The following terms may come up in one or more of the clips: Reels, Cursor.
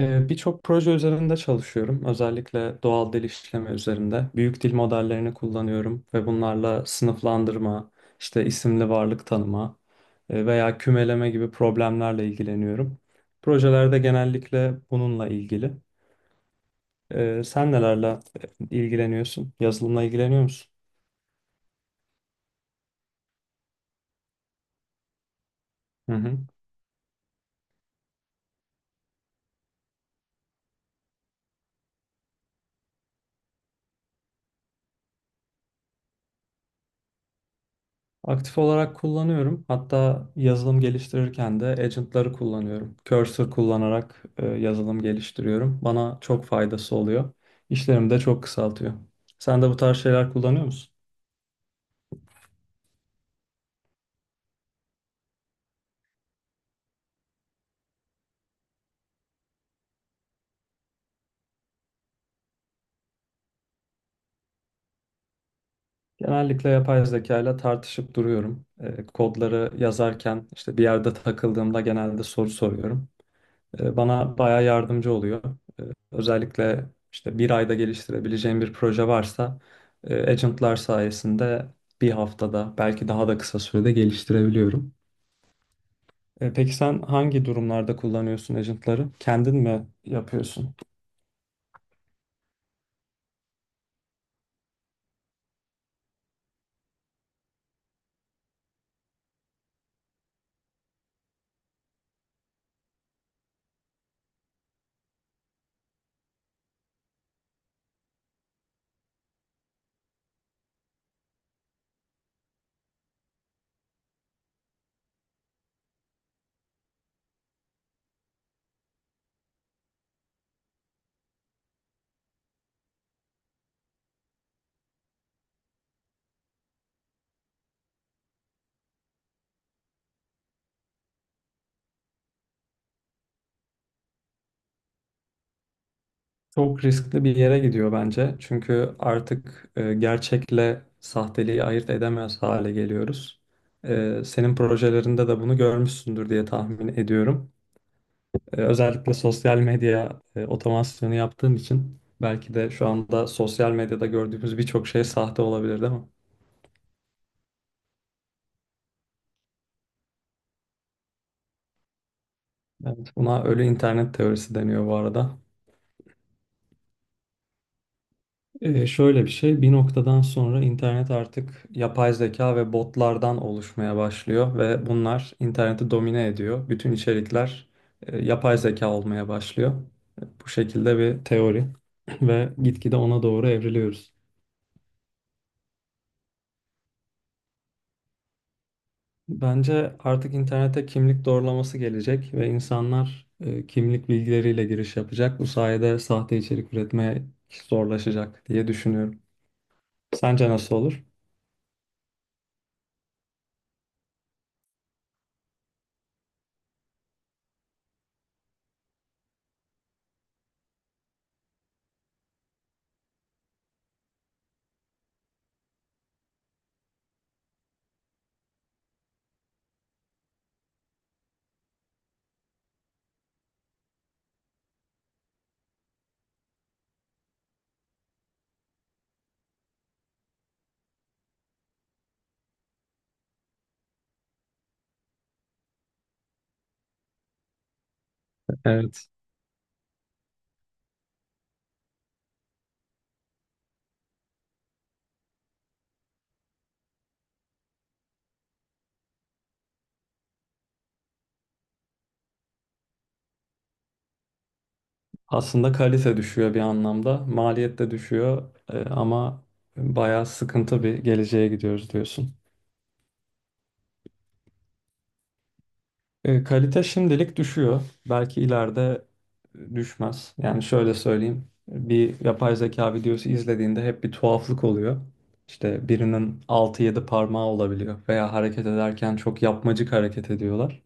Birçok proje üzerinde çalışıyorum. Özellikle doğal dil işleme üzerinde. Büyük dil modellerini kullanıyorum ve bunlarla sınıflandırma, işte isimli varlık tanıma veya kümeleme gibi problemlerle ilgileniyorum. Projelerde genellikle bununla ilgili. Sen nelerle ilgileniyorsun? Yazılımla ilgileniyor musun? Hı hı. Aktif olarak kullanıyorum. Hatta yazılım geliştirirken de agentları kullanıyorum. Cursor kullanarak yazılım geliştiriyorum. Bana çok faydası oluyor. İşlerimi de çok kısaltıyor. Sen de bu tarz şeyler kullanıyor musun? Genellikle yapay zeka ile tartışıp duruyorum. Kodları yazarken işte bir yerde takıldığımda genelde soru soruyorum. Bana bayağı yardımcı oluyor. E, Özellikle işte bir ayda geliştirebileceğim bir proje varsa agentlar sayesinde bir haftada belki daha da kısa sürede geliştirebiliyorum. Peki sen hangi durumlarda kullanıyorsun agentları? Kendin mi yapıyorsun? Çok riskli bir yere gidiyor bence. Çünkü artık gerçekle sahteliği ayırt edemez hale geliyoruz. Senin projelerinde de bunu görmüşsündür diye tahmin ediyorum. Özellikle sosyal medya otomasyonu yaptığım için belki de şu anda sosyal medyada gördüğümüz birçok şey sahte olabilir değil mi? Evet. Buna ölü internet teorisi deniyor bu arada. Şöyle bir şey, bir noktadan sonra internet artık yapay zeka ve botlardan oluşmaya başlıyor ve bunlar interneti domine ediyor. Bütün içerikler yapay zeka olmaya başlıyor. Bu şekilde bir teori ve gitgide ona doğru evriliyoruz. Bence artık internete kimlik doğrulaması gelecek ve insanlar kimlik bilgileriyle giriş yapacak. Bu sayede sahte içerik üretmeye zorlaşacak diye düşünüyorum. Sence nasıl olur? Evet. Aslında kalite düşüyor bir anlamda. Maliyet de düşüyor ama bayağı sıkıntı bir geleceğe gidiyoruz diyorsun. Kalite şimdilik düşüyor. Belki ileride düşmez. Yani şöyle söyleyeyim. Bir yapay zeka videosu izlediğinde hep bir tuhaflık oluyor. İşte birinin altı yedi parmağı olabiliyor veya hareket ederken çok yapmacık hareket ediyorlar.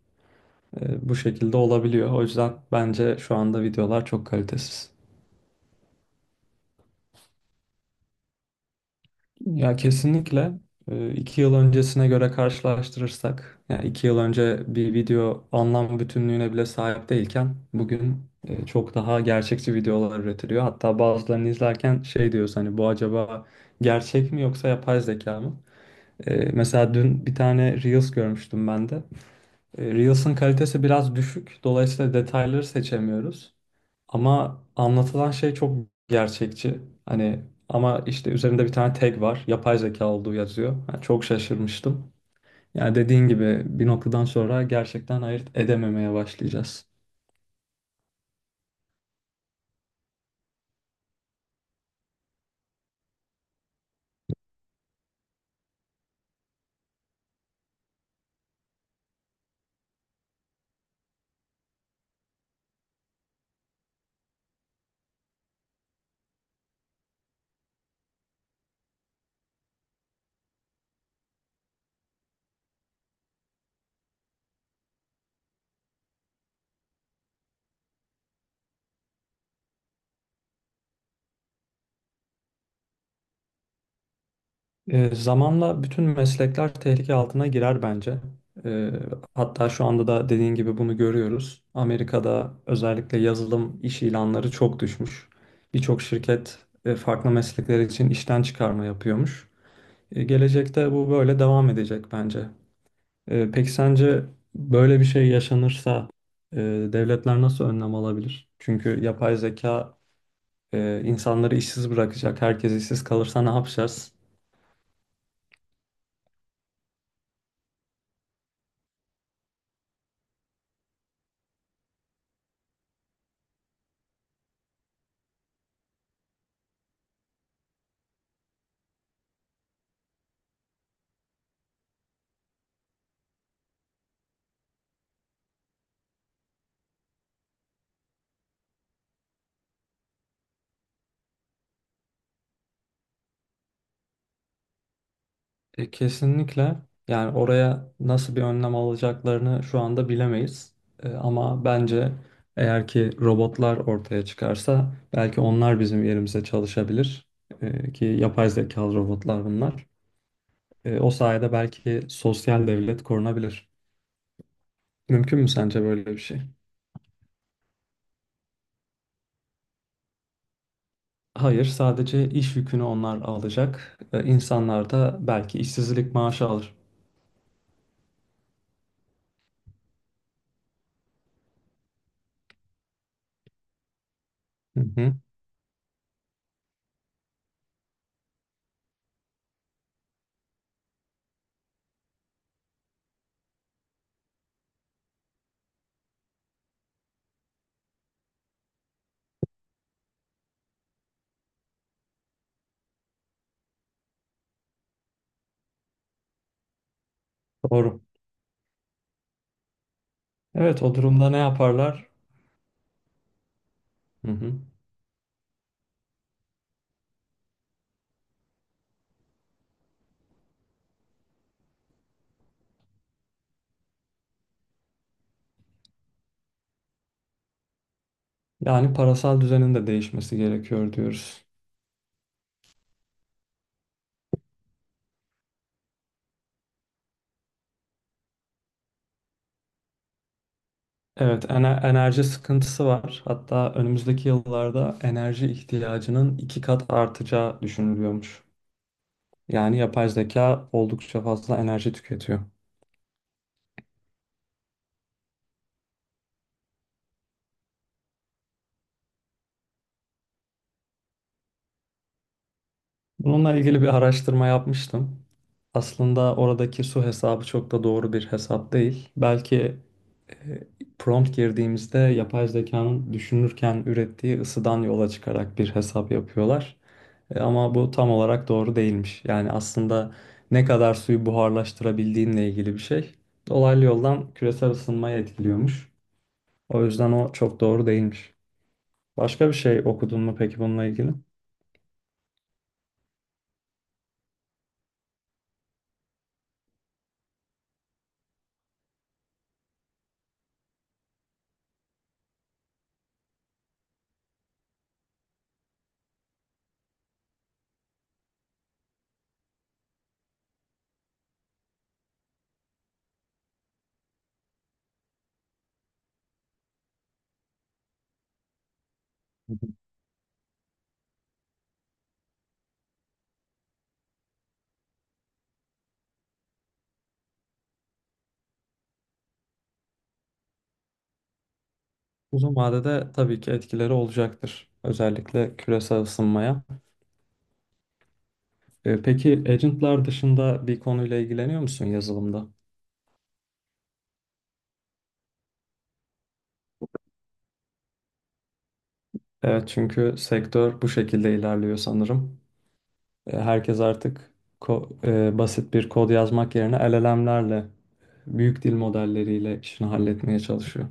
Bu şekilde olabiliyor. O yüzden bence şu anda videolar çok kalitesiz. Ya kesinlikle iki yıl öncesine göre karşılaştırırsak, yani iki yıl önce bir video anlam bütünlüğüne bile sahip değilken bugün çok daha gerçekçi videolar üretiliyor. Hatta bazılarını izlerken şey diyoruz hani bu acaba gerçek mi yoksa yapay zeka mı? Mesela dün bir tane Reels görmüştüm ben de. Reels'ın kalitesi biraz düşük, dolayısıyla detayları seçemiyoruz. Ama anlatılan şey çok gerçekçi. Hani ama işte üzerinde bir tane tag var. Yapay zeka olduğu yazıyor. Yani çok şaşırmıştım. Yani dediğin gibi bir noktadan sonra gerçekten ayırt edememeye başlayacağız. Zamanla bütün meslekler tehlike altına girer bence. Ee, Hatta şu anda da dediğin gibi bunu görüyoruz. Amerika'da özellikle yazılım iş ilanları çok düşmüş. Birçok şirket farklı meslekler için işten çıkarma yapıyormuş. Gelecekte bu böyle devam edecek bence. Peki sence böyle bir şey yaşanırsa e, devletler nasıl önlem alabilir? Çünkü yapay zeka insanları işsiz bırakacak. Herkes işsiz kalırsa ne yapacağız? Kesinlikle yani oraya nasıl bir önlem alacaklarını şu anda bilemeyiz. Ama bence eğer ki robotlar ortaya çıkarsa belki onlar bizim yerimize çalışabilir. Ki yapay zekalı robotlar bunlar. O sayede belki sosyal devlet korunabilir. Mümkün mü sence böyle bir şey? Hayır, sadece iş yükünü onlar alacak. İnsanlar da belki işsizlik maaşı alır. Hı hı, doğru. Evet, o durumda ne yaparlar? Hı hı. Yani parasal düzenin de değişmesi gerekiyor diyoruz. Evet, enerji sıkıntısı var. Hatta önümüzdeki yıllarda enerji ihtiyacının iki kat artacağı düşünülüyormuş. Yani yapay zeka oldukça fazla enerji tüketiyor. Bununla ilgili bir araştırma yapmıştım. Aslında oradaki su hesabı çok da doğru bir hesap değil. Belki e, prompt girdiğimizde yapay zekanın düşünürken ürettiği ısıdan yola çıkarak bir hesap yapıyorlar. Ama bu tam olarak doğru değilmiş. Yani aslında ne kadar suyu buharlaştırabildiğinle ilgili bir şey. Dolaylı yoldan küresel ısınmayı etkiliyormuş. O yüzden o çok doğru değilmiş. Başka bir şey okudun mu peki bununla ilgili? Uzun vadede tabii ki etkileri olacaktır. Özellikle küresel ısınmaya. Peki agentlar dışında bir konuyla ilgileniyor musun yazılımda? Evet çünkü sektör bu şekilde ilerliyor sanırım. Herkes artık ko- basit bir kod yazmak yerine LLM'lerle, büyük dil modelleriyle işini halletmeye çalışıyor.